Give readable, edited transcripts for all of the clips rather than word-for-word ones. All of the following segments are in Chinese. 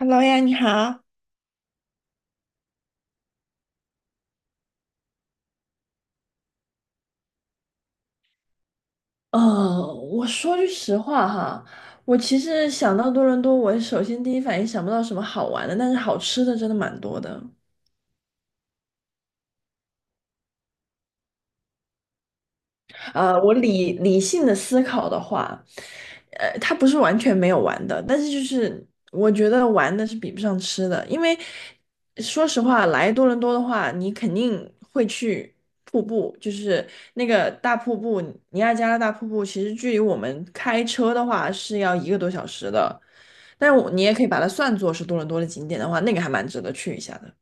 Hello 呀，你好。我说句实话哈，我其实想到多伦多，我首先第一反应想不到什么好玩的，但是好吃的真的蛮多的。我理性的思考的话，它不是完全没有玩的，但是就是我觉得玩的是比不上吃的，因为说实话，来多伦多的话，你肯定会去瀑布，就是那个大瀑布，尼亚加拉大瀑布，其实距离我们开车的话是要一个多小时的，但是我你也可以把它算作是多伦多的景点的话，那个还蛮值得去一下的。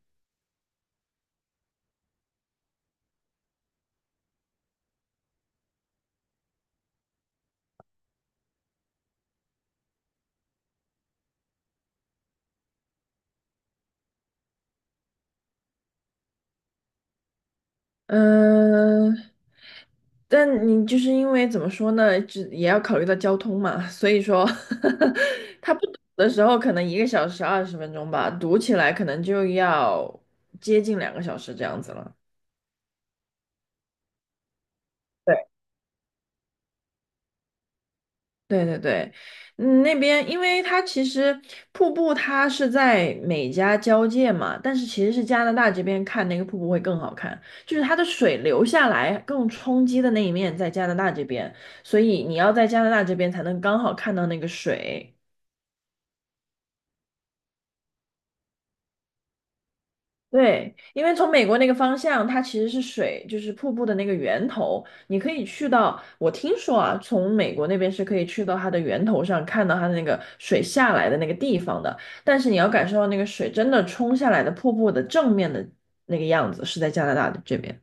嗯，但你就是因为怎么说呢，只也要考虑到交通嘛，所以说 他不堵的时候可能1个小时20分钟吧，堵起来可能就要接近两个小时这样子了。对对对对，嗯，那边因为它其实瀑布它是在美加交界嘛，但是其实是加拿大这边看那个瀑布会更好看，就是它的水流下来更冲击的那一面在加拿大这边，所以你要在加拿大这边才能刚好看到那个水。对，因为从美国那个方向，它其实是水，就是瀑布的那个源头。你可以去到，我听说啊，从美国那边是可以去到它的源头上，看到它的那个水下来的那个地方的。但是你要感受到那个水真的冲下来的瀑布的正面的那个样子，是在加拿大的这边。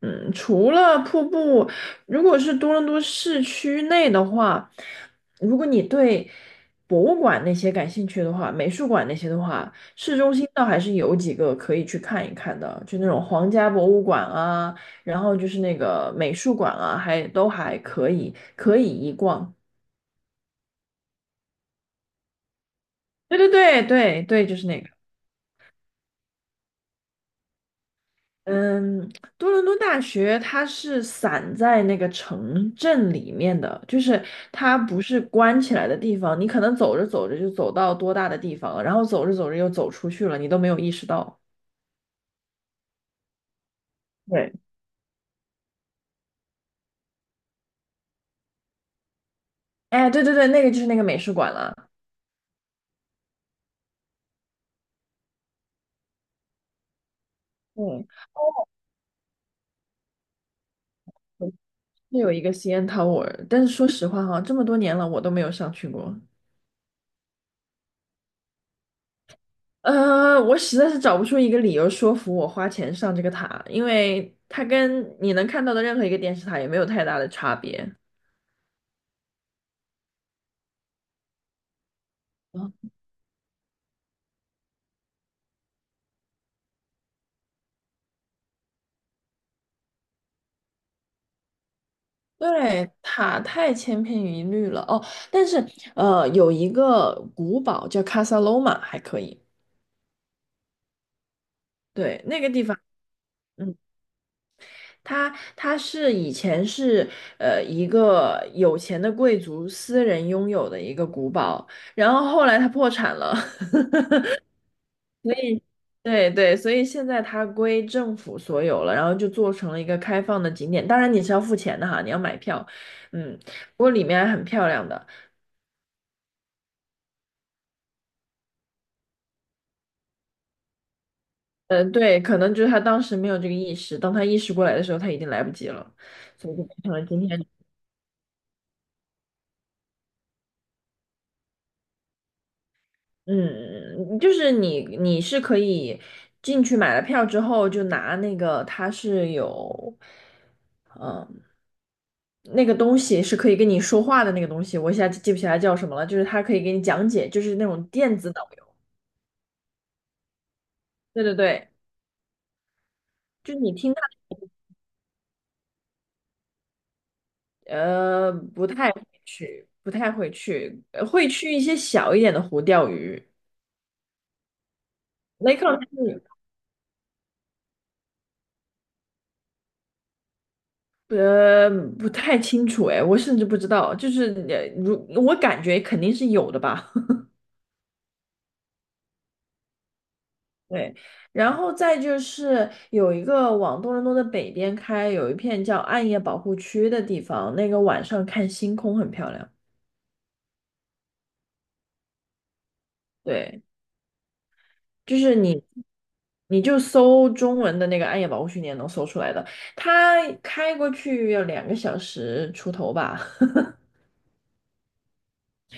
嗯，除了瀑布，如果是多伦多市区内的话，如果你对博物馆那些感兴趣的话，美术馆那些的话，市中心倒还是有几个可以去看一看的，就那种皇家博物馆啊，然后就是那个美术馆啊，还都还可以，可以一逛。对对对对对，就是那个。嗯，多伦多大学它是散在那个城镇里面的，就是它不是关起来的地方，你可能走着走着就走到多大的地方了，然后走着走着又走出去了，你都没有意识到。对哎，对对对，那个就是那个美术馆了，对，是有一个 CN Tower,但是说实话哈，这么多年了，我都没有上去过。我实在是找不出一个理由说服我花钱上这个塔，因为它跟你能看到的任何一个电视塔也没有太大的差别。对，塔太千篇一律了哦。但是，有一个古堡叫卡萨罗马还可以。对，那个地方，嗯，它它是以前是一个有钱的贵族私人拥有的一个古堡，然后后来它破产了，所以对对，所以现在它归政府所有了，然后就做成了一个开放的景点。当然你是要付钱的哈，你要买票，嗯，不过里面还很漂亮的。嗯，对，可能就是他当时没有这个意识，当他意识过来的时候，他已经来不及了，所以就变成了今天。嗯，就是你是可以进去买了票之后，就拿那个它是有，嗯，那个东西是可以跟你说话的那个东西，我一下记不起来叫什么了，就是它可以给你讲解，就是那种电子导游。对对对，就是你听他，不太会去，不太会去，会去一些小一点的湖钓鱼。雷克隆是呃不太清楚哎，我甚至不知道，就是我感觉肯定是有的吧。对，然后再就是有一个往多伦多的北边开，有一片叫暗夜保护区的地方，那个晚上看星空很漂亮。对，就是你，你就搜中文的那个暗夜保护区，你也能搜出来的。它开过去要两个小时出头吧。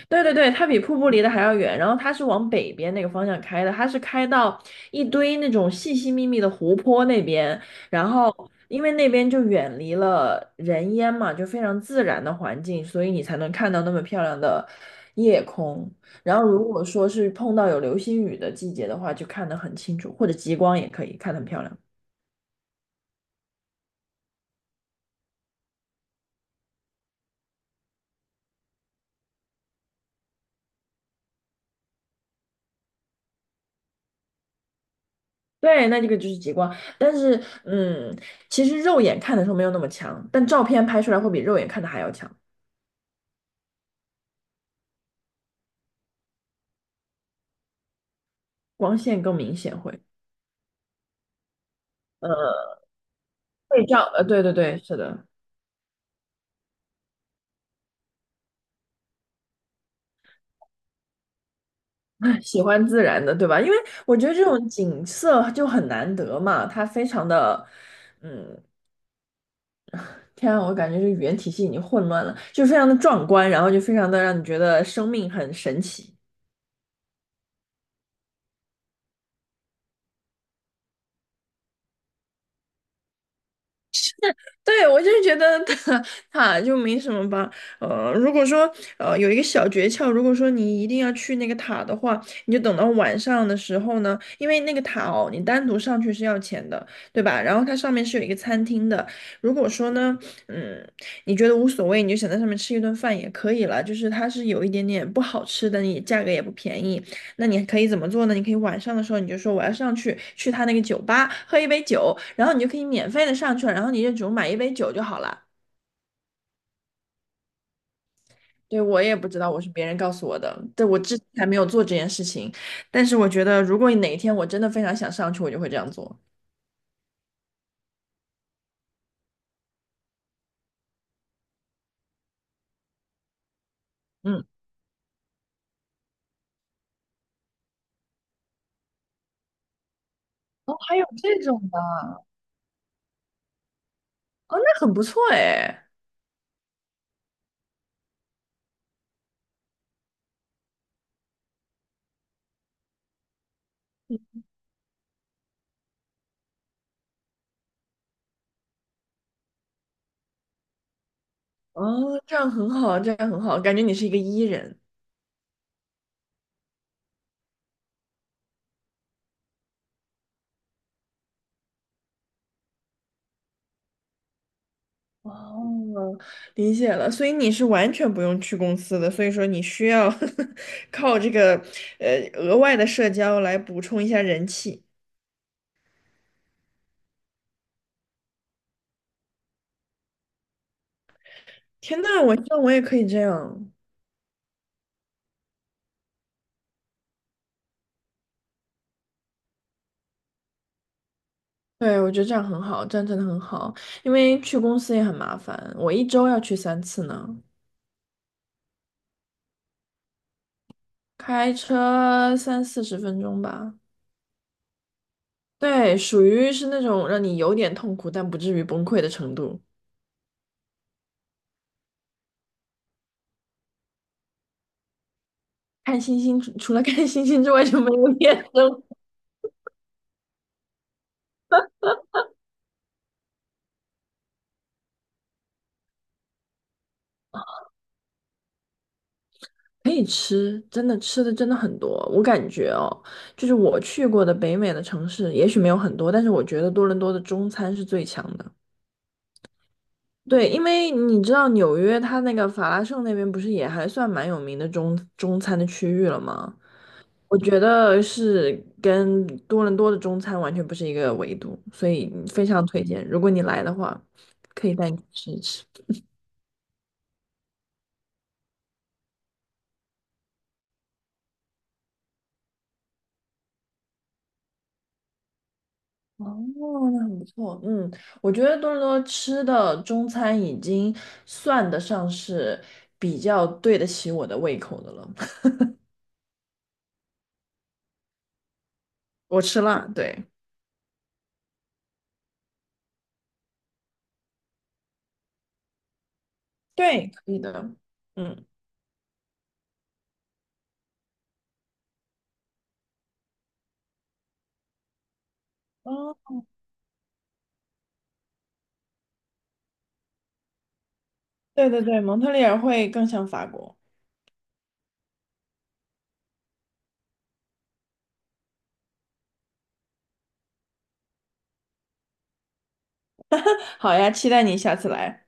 对对对，它比瀑布离得还要远，然后它是往北边那个方向开的，它是开到一堆那种细细密密的湖泊那边，然后因为那边就远离了人烟嘛，就非常自然的环境，所以你才能看到那么漂亮的夜空。然后如果说是碰到有流星雨的季节的话，就看得很清楚，或者极光也可以看得很漂亮。对，那这个就是极光，但是其实肉眼看的时候没有那么强，但照片拍出来会比肉眼看的还要强。光线更明显会，呃，会照，对对对，是的，喜欢自然的，对吧？因为我觉得这种景色就很难得嘛，它非常的，嗯，天啊，我感觉这语言体系已经混乱了，就非常的壮观，然后就非常的让你觉得生命很神奇。对，我就是觉得塔他就没什么吧。如果说有一个小诀窍，如果说你一定要去那个塔的话，你就等到晚上的时候呢，因为那个塔哦，你单独上去是要钱的，对吧？然后它上面是有一个餐厅的。如果说呢，嗯，你觉得无所谓，你就想在上面吃一顿饭也可以了。就是它是有一点点不好吃的，你价格也不便宜。那你可以怎么做呢？你可以晚上的时候你就说我要上去去他那个酒吧喝一杯酒，然后你就可以免费的上去了，然后你就只用买一杯酒就好了。对，我也不知道，我是别人告诉我的，对，我之前还没有做这件事情，但是我觉得如果哪一天我真的非常想上去，我就会这样做。嗯，哦，还有这种的，哦，那很不错哎，哦，这样很好，这样很好，感觉你是一个 E 人。哦，理解了，所以你是完全不用去公司的，所以说你需要 靠这个额外的社交来补充一下人气。天呐，我希望我也可以这样。对，我觉得这样很好，这样真的很好，因为去公司也很麻烦，我一周要去3次呢，开车三四十分钟吧。对，属于是那种让你有点痛苦，但不至于崩溃的程度。看星星，除了看星星之外就没有别的。可以吃，真的吃的真的很多。我感觉哦，就是我去过的北美的城市，也许没有很多，但是我觉得多伦多的中餐是最强的。对，因为你知道纽约它那个法拉盛那边不是也还算蛮有名的中餐的区域了吗？我觉得是跟多伦多的中餐完全不是一个维度，所以非常推荐，如果你来的话，可以带你去吃一吃。哦，那很不错。嗯，我觉得多伦多吃的中餐已经算得上是比较对得起我的胃口的了。我吃辣，对，对，可以的。嗯，哦，对对对，蒙特利尔会更像法国。好呀，期待你下次来。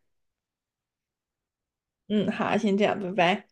嗯，好，先这样，拜拜。